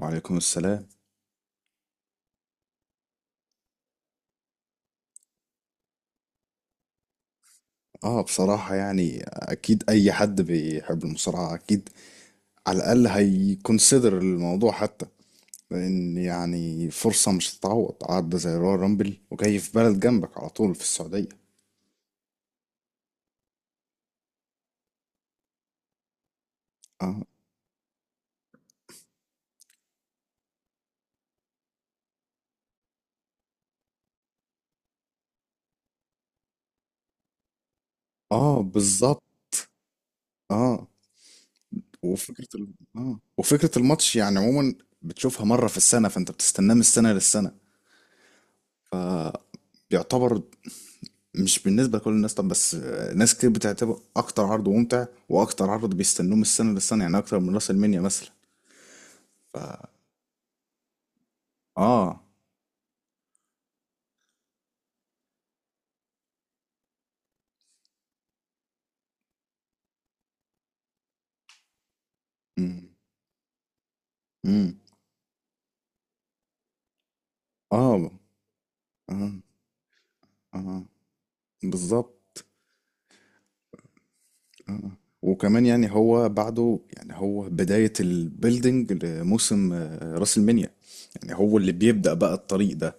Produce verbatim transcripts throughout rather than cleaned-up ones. وعليكم السلام. اه، بصراحة يعني اكيد اي حد بيحب المصارعة، اكيد على الاقل هيكونسيدر الموضوع حتى. لان يعني فرصة مش هتتعوض، عارضة زي رويال رامبل وجاي في بلد جنبك على طول في السعودية. اه، اه، بالظبط. اه، وفكرة ال... اه وفكرة الماتش يعني عموما بتشوفها مرة في السنة، فانت بتستناه من السنة للسنة. آه. بيعتبر، مش بالنسبة لكل الناس، طب بس ناس كتير بتعتبر أكتر عرض ممتع وأكتر عرض بيستنوه من السنة للسنة، يعني أكتر من راس المنيا مثلا. آه. أمم. أمم. آه. آه. آه. بالظبط. وكمان يعني هو بعده، يعني هو بداية البيلدينج لموسم آه، راس المنيا. يعني هو اللي بيبدأ بقى الطريق ده.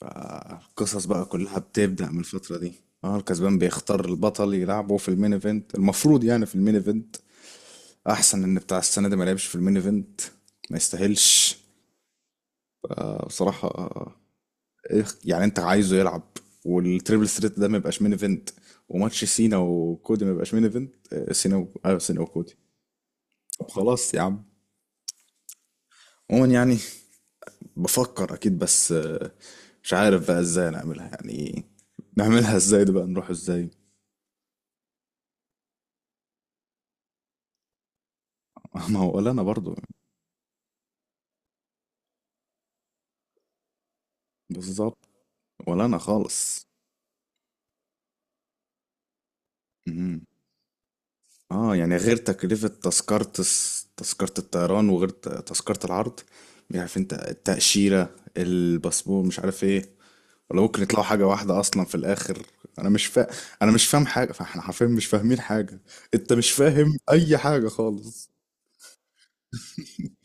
فالقصص بقى كلها بتبدأ من الفترة دي. اه، الكسبان بيختار البطل يلعبه في المين ايفنت، المفروض يعني في المين ايفنت. احسن ان بتاع السنه ده ما لعبش في المين ايفنت. ما يستاهلش. آه، بصراحه، آه، إيه يعني انت عايزه يلعب؟ والتريبل ثريت ده ما يبقاش مين ايفنت، وماتش سينا وكودي ما يبقاش مين ايفنت؟ آه، سينا و... ايوه، سينا وكودي. طب خلاص يا عم. عموما يعني بفكر اكيد، بس آه، مش عارف بقى ازاي نعملها، يعني نعملها ازاي دي بقى، نروح ازاي؟ ما هو ولا انا برضو. بالظبط. ولا انا خالص. اه، يعني غير تكلفة تذكرة الس- تذكرة الطيران وغير ت- تذكرة العرض. مش عارف انت، التأشيرة، الباسبور، مش عارف ايه. ولا ممكن يطلعوا حاجة واحدة أصلا في الآخر؟ أنا مش فا... أنا مش فاهم حاجة، فاحنا حرفيا مش فاهمين حاجة. أنت مش فاهم أي حاجة خالص.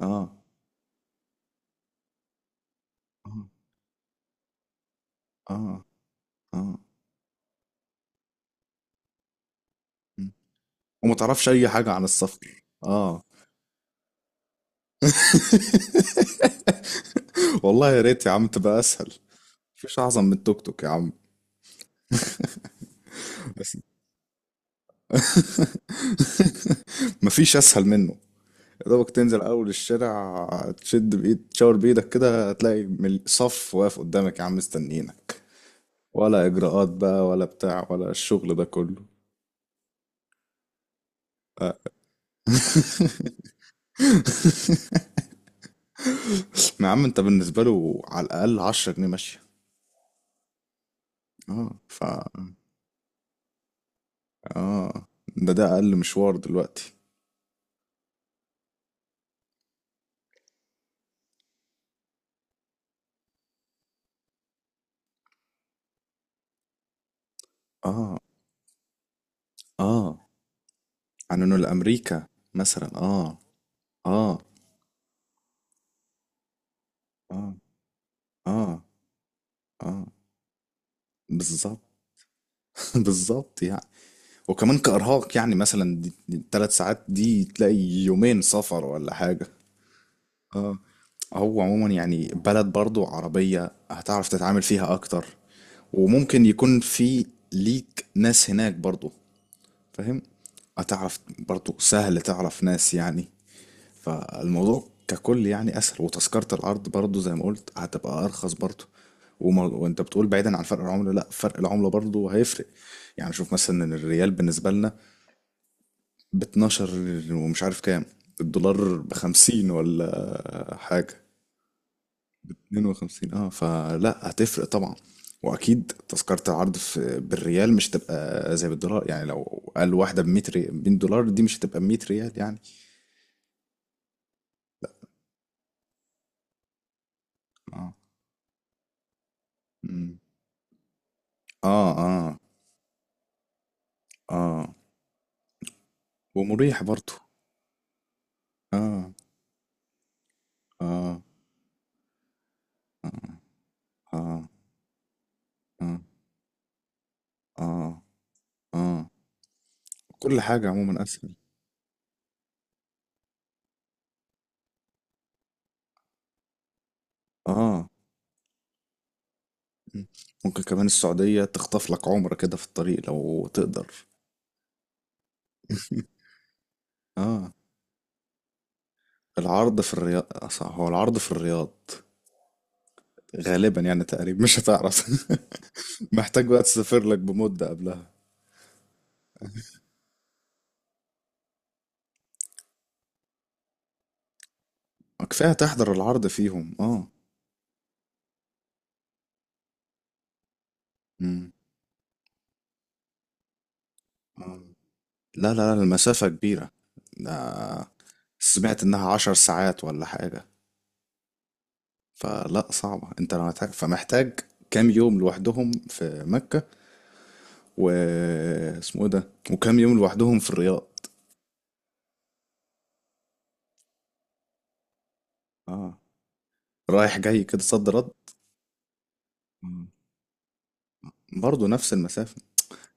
اه. اه. اه. اه. مم. وما تعرفش أي حاجة عن السفر، اه. والله يا ريت يا عم تبقى أسهل. مفيش أعظم من التوك توك يا عم. بس مفيش اسهل منه. يا دوبك تنزل اول الشارع، تشد بايد، تشاور بايدك كده هتلاقي مل- صف واقف قدامك يا عم مستنيينك. ولا اجراءات بقى، ولا بتاع، ولا الشغل ده كله. ما يا عم انت بالنسبه له على الاقل عشرة جنيه ماشيه. اه ف اه ده ده اقل مشوار دلوقتي. اه. اه. عنونه لامريكا مثلا. اه. اه. اه. اه. اه. بالظبط. بالظبط يعني. وكمان كإرهاق يعني مثلا، دي دي التلات ساعات دي تلاقي يومين سفر ولا حاجة. اه. هو عموما يعني بلد برضو عربية، هتعرف تتعامل فيها أكتر. وممكن يكون في ليك ناس هناك برضو، فاهم. هتعرف برضو سهل تعرف ناس يعني. فالموضوع ككل يعني أسهل، وتذكرة العرض برضو زي ما قلت هتبقى أرخص برضو. وما وانت بتقول بعيدا عن فرق العملة، لا فرق العملة برضو هيفرق. يعني شوف مثلا إن الريال بالنسبة لنا ب اتناشر، ومش عارف كام، الدولار ب خمسين ولا حاجة. اتنين وخمسين، اه، فلا هتفرق طبعا. واكيد تذكرة العرض في بالريال مش هتبقى زي بالدولار، يعني لو قال واحدة ب مية ري- مية دولار، دي مش هتبقى ب مية ريال يعني. اه. مم. اه. اه. اه. ومريح برضو. اه. اه. اه. اه. اه. اه. آه. كل حاجة عموما اسهل. اه. مم. ممكن كمان السعودية تخطف لك عمرة كده في الطريق لو تقدر. اه، العرض في الرياض، أصح هو العرض في الرياض. غالبا يعني، تقريبا مش هتعرف. محتاج بقى تسافر لك بمدة قبلها. آه، كفاية تحضر العرض فيهم، اه. مم. آه. لا، لا، لا، المسافة كبيرة. ده، سمعت انها عشر ساعات ولا حاجة. فلا صعبة، انت لو هتح... فمحتاج كام يوم لوحدهم في مكة، و اسمه ايه ده، وكام يوم لوحدهم في الرياض. اه، رايح جاي كده، صد رد. برضه نفس المسافة.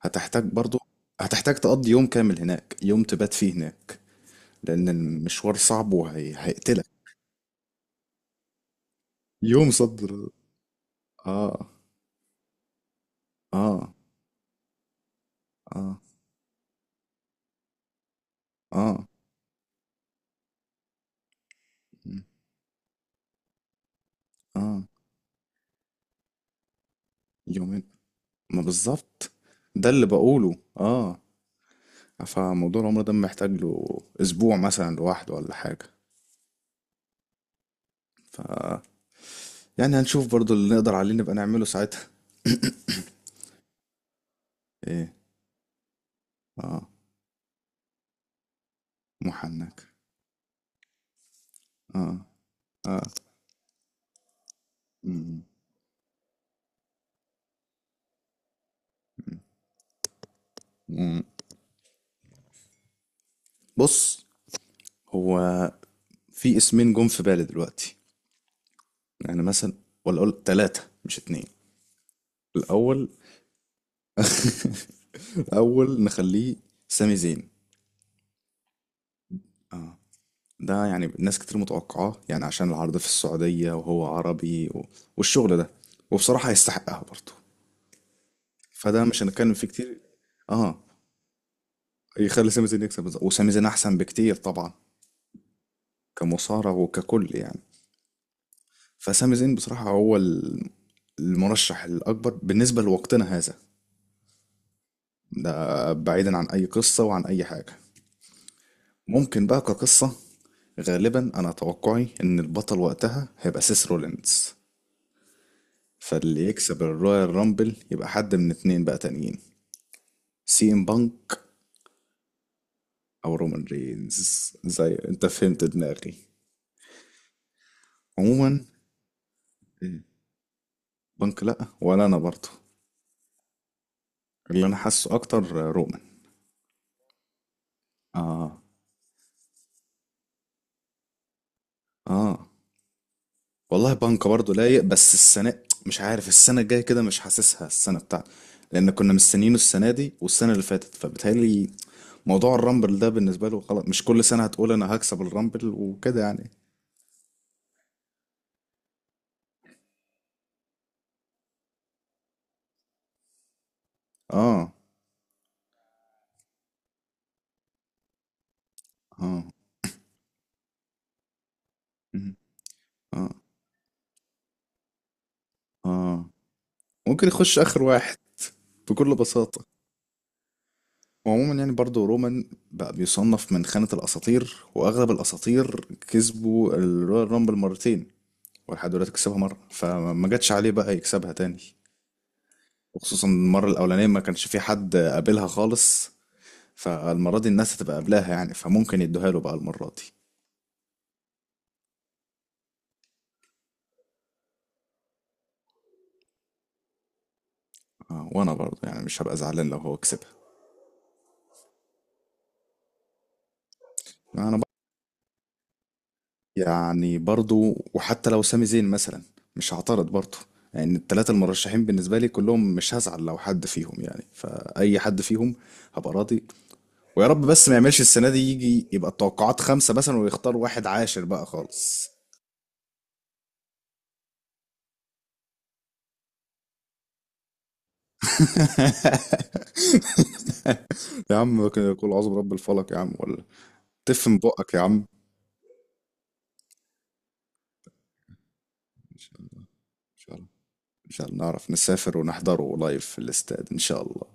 هتحتاج برضو هتحتاج تقضي يوم كامل هناك، يوم تبات فيه هناك. لأن المشوار صعب وهيقتلك. يوم صدر. اه. اه. اه. اه. م. اه. يومين. ما بالظبط، ده اللي بقوله، اه. فموضوع العمر ده محتاج له اسبوع مثلا لوحده ولا حاجة. ف يعني هنشوف برضو اللي نقدر عليه نبقى نعمله ساعتها. ايه. اه. محنك. اه. اه. م. م. بص، هو في اسمين جم في بالي دلوقتي، يعني مثلا، ولا اقول ثلاثة مش اتنين. الاول الاول نخليه سامي زين. اه، ده يعني ناس كتير متوقعاه يعني عشان العرض في السعودية وهو عربي و... والشغل ده. وبصراحة يستحقها برضه. فده مش هنتكلم فيه كتير. اه، يخلي سامي زين يكسب، بالظبط. وسامي زين احسن بكتير طبعا، كمصارع وككل يعني. فسامي زين بصراحة هو ال- المرشح الأكبر بالنسبة لوقتنا هذا. ده بعيدا عن اي قصة وعن اي حاجة. ممكن بقى كقصة، غالبا انا توقعي ان البطل وقتها هيبقى سيس رولينز. فاللي يكسب الرويال رامبل يبقى حد من اتنين بقى تانيين: سي ام بانك او رومان رينز. زي انت فهمت دماغي. عموما، إيه، بانك لا، ولا انا برضه. اللي انا حاسه اكتر رومان. اه. اه. والله، بانكا برضه لايق بس السنة، مش عارف السنة الجاية كده مش حاسسها السنة بتاعتنا. لأن كنا مستنيينه السنة دي والسنة اللي فاتت، فبتهيألي موضوع الرامبل ده بالنسبة له خلاص، مش كل سنة هتقول أنا هكسب الرامبل وكده يعني. اه. اه. مم. اه. اه. ممكن يخش آخر واحد بكل بساطة. وعموما يعني برضه رومان بقى بيصنف من خانة الأساطير، وأغلب الأساطير كسبوا الرويال رامبل مرتين، ولحد دلوقتي كسبها مرة، فما جاتش عليه بقى يكسبها تاني. وخصوصا المرة الأولانية ما كانش في حد قابلها خالص، فالمرة دي الناس هتبقى قابلاها يعني، فممكن يدوها له بقى المرة دي. آه، وأنا برضو يعني مش هبقى زعلان لو هو كسبها. أنا بقى، يعني برضو، وحتى لو سامي زين مثلا مش هعترض برضو. يعني التلاتة المرشحين بالنسبة لي كلهم مش هزعل لو حد فيهم يعني، فأي حد فيهم هبقى راضي. ويا رب بس ما يعملش السنة دي يجي يبقى التوقعات خمسة مثلا، ويختار واحد عاشر بقى خالص. يا عم كده قول عظم رب الفلق يا عم، ولا تفهم بقك يا عم. إن شاء الله. إن شاء الله. إن شاء الله نعرف نسافر ونحضره لايف في الاستاد، إن شاء الله.